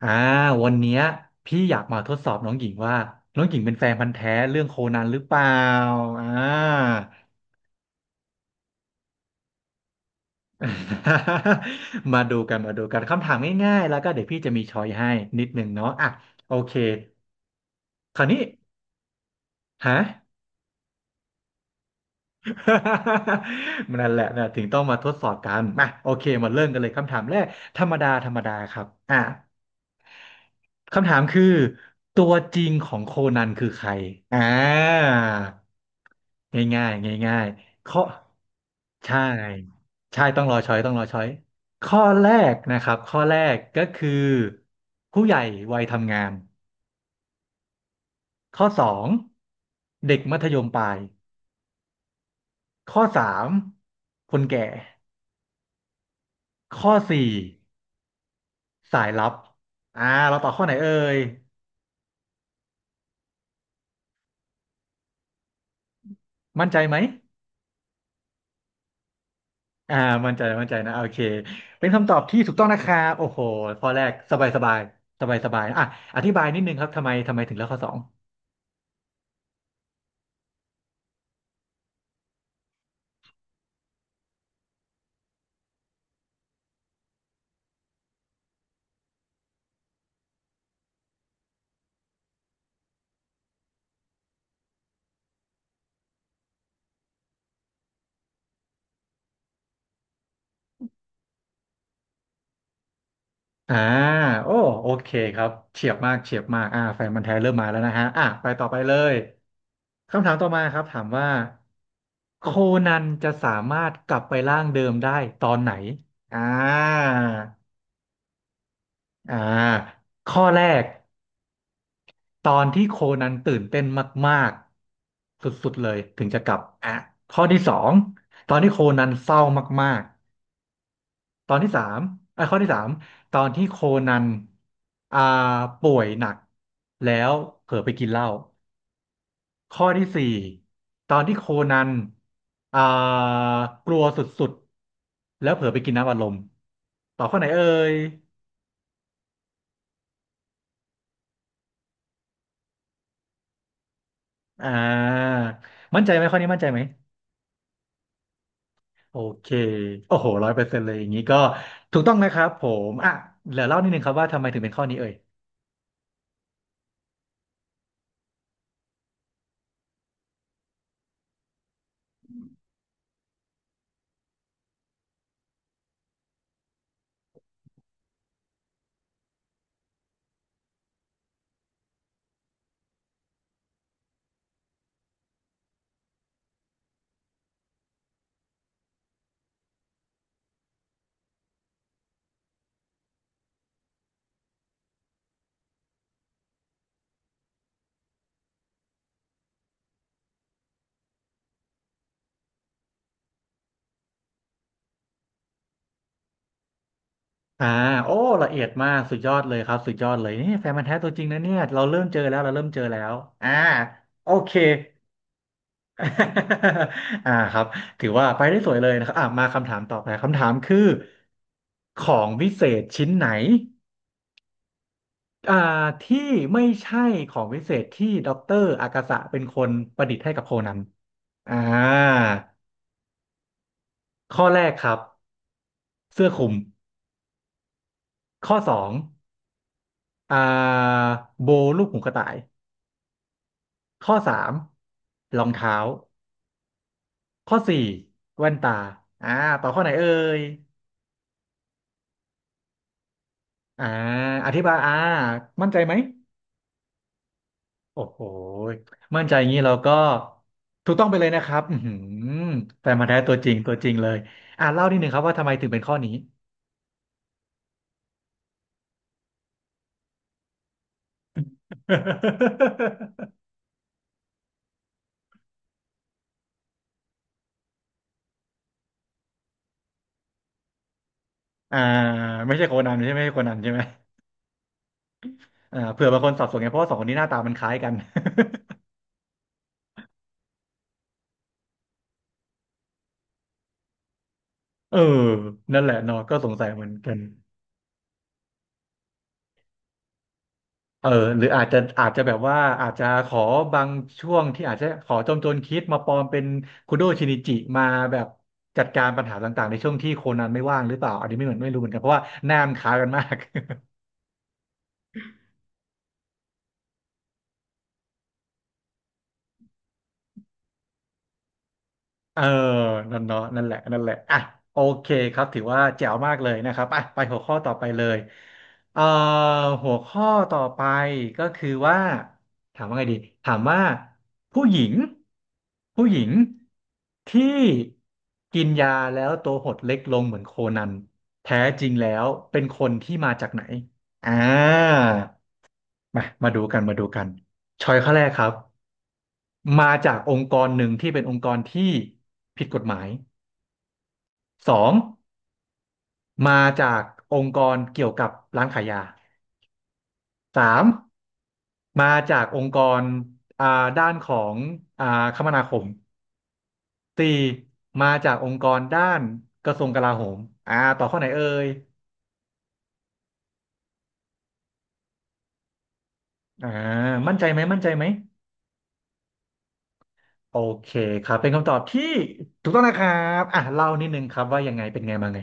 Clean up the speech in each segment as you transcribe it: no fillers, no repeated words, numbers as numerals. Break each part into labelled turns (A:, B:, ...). A: อ่าวันเนี้ยพี่อยากมาทดสอบน้องหญิงว่าน้องหญิงเป็นแฟนพันธุ์แท้เรื่องโคนันหรือเปล่าอ่า มาดูกันมาดูกันคำถามง่ายๆแล้วก็เดี๋ยวพี่จะมีช้อยให้นิดนึงเนาะอ่ะโอเคคราวนี้ฮะ นั่นแหละนะถึงต้องมาทดสอบกันมาโอเคมาเริ่มกันเลยคำถามแรกธรรมดาธรรมดาครับอ่ะคำถามคือตัวจริงของโคนันคือใครอ่า ง่ายๆง่ายๆข้อใช่ใช่ต้องรอช้อยต้องรอช้อย ข้อแรกนะครับข้อแรกก็คือผู้ใหญ่วัยทำงานข้อสองเด็กมัธยมปลายข้อสามคนแก่ข้อสี่สายลับอ่าเราตอบข้อไหนเอ่ยมั่นใจไหมอ่ามั่นใจมั่นใจนะโอเคเป็นคำตอบที่ถูกต้องนะครับโอ้โหข้อแรกสบายสบายสบายสบายอ่ะอธิบายนิดนึงครับทำไมถึงเลือกข้อสอง อ่าโอ้โอเคครับเฉียบมากเฉียบมากแฟนมันธุ์แท้เริ่มมาแล้วนะฮะอ่ะไปต่อไปเลยคำถามต่อมาครับถามว่าโคนันจะสามารถกลับไปร่างเดิมได้ตอนไหนอ่าอ่าข้อแรกตอนที่โคนันตื่นเต้นมากๆสุดๆเลยถึงจะกลับอ่ะข้อที่สองตอนที่โคนันเศร้ามาก ตอนที่สามอ่ะข้อที่สามตอนที่โคนันอ่าป่วยหนักแล้วเผลอไปกินเหล้าข้อที่สี่ตอนที่โคนันอ่ากลัวสุดๆแล้วเผลอไปกินน้ำอัดลมต่อบข้อไหนเอ่ยอ่ามั่นใจไหมข้อนี้มั่นใจไหมโอเคโอ้โหร้อยเปอร์เซ็นต์เลยอย่างนี้ก็ถูกต้องนะครับผมอ่ะเดี๋ยวเล่านิดนึงครับว่าทำไมถึงเป็นข้อนี้เอ่ย อ่าโอ้ละเอียดมากสุดยอดเลยครับสุดยอดเลยนี่แฟนมันธุ์แท้ตัวจริงนะเนี่ยเราเริ่มเจอแล้วเราเริ่มเจอแล้วอ่าโอเค ครับถือว่าไปได้สวยเลยนะครับอ่ามาคำถามต่อไปคำถามคือของวิเศษชิ้นไหนอ่าที่ไม่ใช่ของวิเศษที่ด็อกเตอร์อากาสะเป็นคนประดิษฐ์ให้กับโคนันอ่าข้อแรกครับเสื้อคลุมข้อสองอ่าโบลูกหูกระต่าย ข้อสามรองเท้าข้อสี่แว่นตาอ่าต่อข้อไหนเอ่ยอ่าอธิบายมั่นใจไหมโอ้โหมั่นใจอย่างนี้เราก็ถูกต้องไปเลยนะครับอือหือแฟนมาแท้ตัวจริงตัวจริงเลยอ่าเล่านิดนึงครับว่าทำไมถึงเป็นข้อนี้ อ่าไม่ใช่โคนันใช่ไหมไม่ใช่โคนันใช่ไหมอ่าเผื่อบางคนสับสนไงเพราะว่าสองคนนี้หน้าตามันคล้ายกัน เออนั่นแหละเนาะก็สงสัยเหมือนกัน เออหรืออาจจะแบบว่าอาจจะขอบางช่วงที่อาจจะขอจอมโจรคิดมาปลอมเป็นคุโดชินิจิมาแบบจัดการปัญหาต่างๆในช่วงที่โคนันไม่ว่างหรือเปล่าอันนี้ไม่เหมือนไม่รู้เหมือนกันเพราะว่าหน้ามันคล้ายกันมาก เออนั่นเนาะนั่นแหละนั่นแหละอ่ะโอเคครับถือว่าแจ๋วมากเลยนะครับอ่ะไปหัวข้อต่อไปเลยเอ่อหัวข้อต่อไปก็คือว่าถามว่าไงดีถามว่าผู้หญิงผู้หญิงที่กินยาแล้วตัวหดเล็กลงเหมือนโคนันแท้จริงแล้วเป็นคนที่มาจากไหนอ่ามามาดูกันมาดูกันช้อยข้อแรกครับมาจากองค์กรหนึ่งที่เป็นองค์กรที่ผิดกฎหมาย สองมาจากองค์กรเกี่ยวกับร้านขายยาสามมาจากองค์กรอ่าด้านของอ่าคมนาคมสี่มาจากองค์กรด้านกระทรวงกลาโหมอ่าต่อข้อไหนเอ่ยอ่ามั่นใจไหมมั่นใจไหมโอเคครับเป็นคำตอบที่ถูกต้องนะครับอ่ะเล่านิดนึงครับว่ายังไงเป็นไงมาไง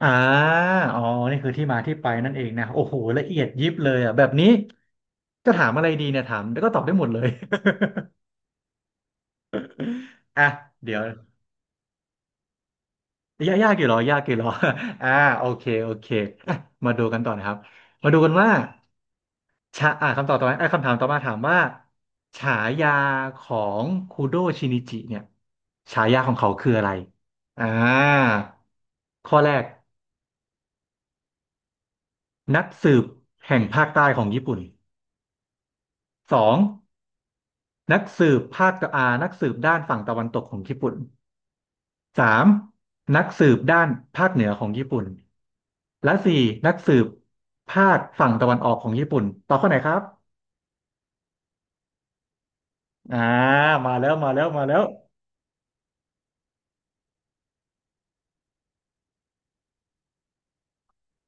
A: อ่าอ๋อนี่คือที่มาที่ไปนั่นเองนะโอ้โหละเอียดยิบเลยอ่ะแบบนี้จะถามอะไรดีเนี่ยถามแล้วก็ตอบได้หมดเลย อ่ะเดี๋ยวยากยากอยู่หรอยากกี่หรอ อ่าโอเคโอเคอ่ะมาดูกันต่อนะครับมาดูกันว่าชาอ่าคำตอบต่อมาไปอ้คำถามต่อมาถามว่าฉายาของคูโดชินิจิเนี่ยฉายาของเขาคืออะไรอ่าข้อแรกนักสืบแห่งภาคใต้ของญี่ปุ่นสองนักสืบภาคตะอานักสืบด้านฝั่งตะวันตกของญี่ปุ่น สามนักสืบด้านภาคเหนือของญี่ปุ่นและสี่นักสืบภาคฝั่งตะวันออกของญี่ปุ่นตอบข้อไหนครับอ่ามาแล้วมาแล้วมาแล้ว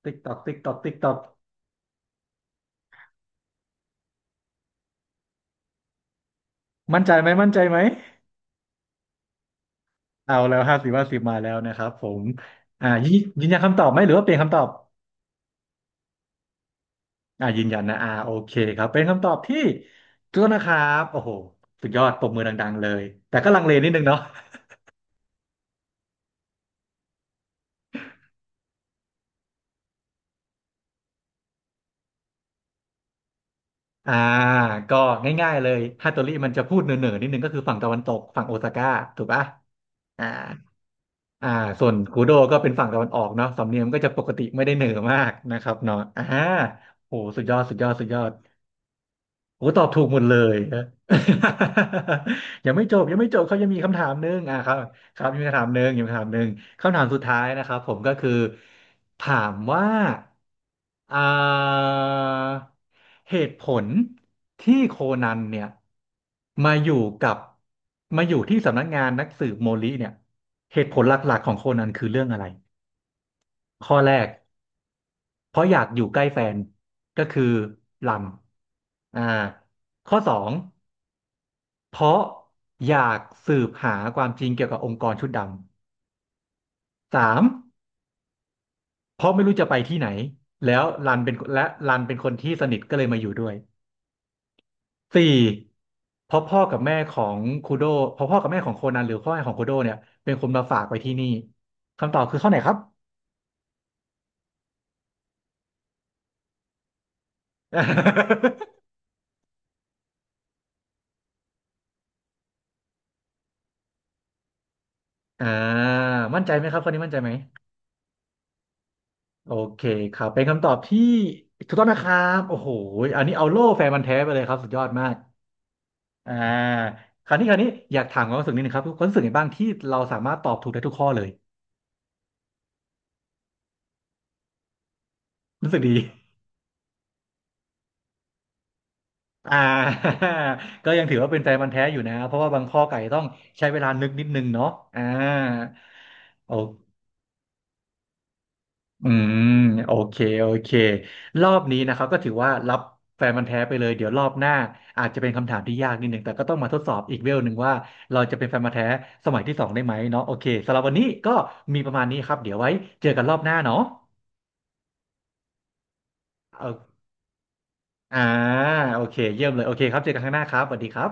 A: ติ๊กตอกติ๊กตอกติ๊กตอกมั่นใจไหมมั่นใจไหมเอาแล้วห้าสิบห้าสิบมาแล้วนะครับผมยืนนยันคำตอบไหมหรือว่าเปลี่ยนคำตอบยืนยันนะโอเคครับเป็นคำตอบที่ถูกต้องนะครับโอ้โหสุดยอดปรบมือดังๆเลยแต่ก็ลังเลนิดนึงเนาะ อ่าก็ง่ายๆเลยฮัตโตริมันจะพูดเหน่อๆนิดนึงก็คือฝั่งตะวันตกฝั่งโอซาก้าถูกปะอ่าอ่าส่วนคูโดก็เป็นฝั่งตะวันออกเนาะสำเนียงมันก็จะปกติไม่ได้เหน่อมากนะครับเนาะโหสุดยอดสุดยอดสุดยอด โอ้ตอบถูกหมดเลยนะ ยังไม่จบยังไม่จบเขายังมีคำถามหนึงอ่ะครับครับยังมีคำถามหนึงยังมีคำถามหนึงคำถามสุดท้ายนะครับผมก็คือถามว่าอ่าเหตุผลที่โคนันเนี่ยมาอยู่กับมาอยู่ที่สำนักงานนักสืบโมริเนี่ยเหตุผลหลักๆของโคนันคือเรื่องอะไร ข้อแรกเพราะอยากอยู่ใกล้แฟนก็คือลำอ่าข้อสองเพราะอยากสืบหาความจริงเกี่ยวกับองค์กรชุดดำสามเพราะไม่รู้จะไปที่ไหนแล้วรันเป็นคนที่สนิทก็เลยมาอยู่ด้วยสี่เพราะพ่อกับแม่ของคูโดเพราะพ่อกับแม่ของโคนันหรือพ่อแม่ของคูโดเนี่ยเป็นคนมาฝากไว้ที่นี่คำตอบคือข้อไหนครับ อ่ามั่นใจไหมครับข้อนี้มั่นใจไหม โอเคครับเป็นคำตอบที่ถูกต้องนะครับโอ้โหอันนี้เอาโล่แฟนมันธุ์แท้ไปเลยครับสุดยอดมากอ่าคราวนี้คราวนี้อยากถามความรู้สึกนิดนึงครับความรู้สึกไงบ้างที่เราสามารถตอบถูกได้ทุกข้อเลยรู้สึกดี อ่า ก็ยังถือว่าเป็นแฟนมันธุ์แท้อยู่นะเพราะว่าบางข้อไก่ต้องใช้เวลานึกนิดนึงเนาะอ่าโอ อืมโอเคโอเครอบนี้นะครับก็ถือว่ารับแฟนมันธุ์แท้ไปเลยเดี๋ยวรอบหน้าอาจจะเป็นคำถามที่ยากนิดหนึ่งแต่ก็ต้องมาทดสอบอีกเวลหนึ่งว่าเราจะเป็นแฟนมันธุ์แท้สมัยที่สองได้ไหมเนาะโอเคสำหรับวันนี้ก็มีประมาณนี้ครับเดี๋ยวไว้เจอกันรอบหน้าเนาะเอาอ่าโอเคเยี่ยมเลยโอเคครับเจอกันข้างหน้าครับสวัสดีครับ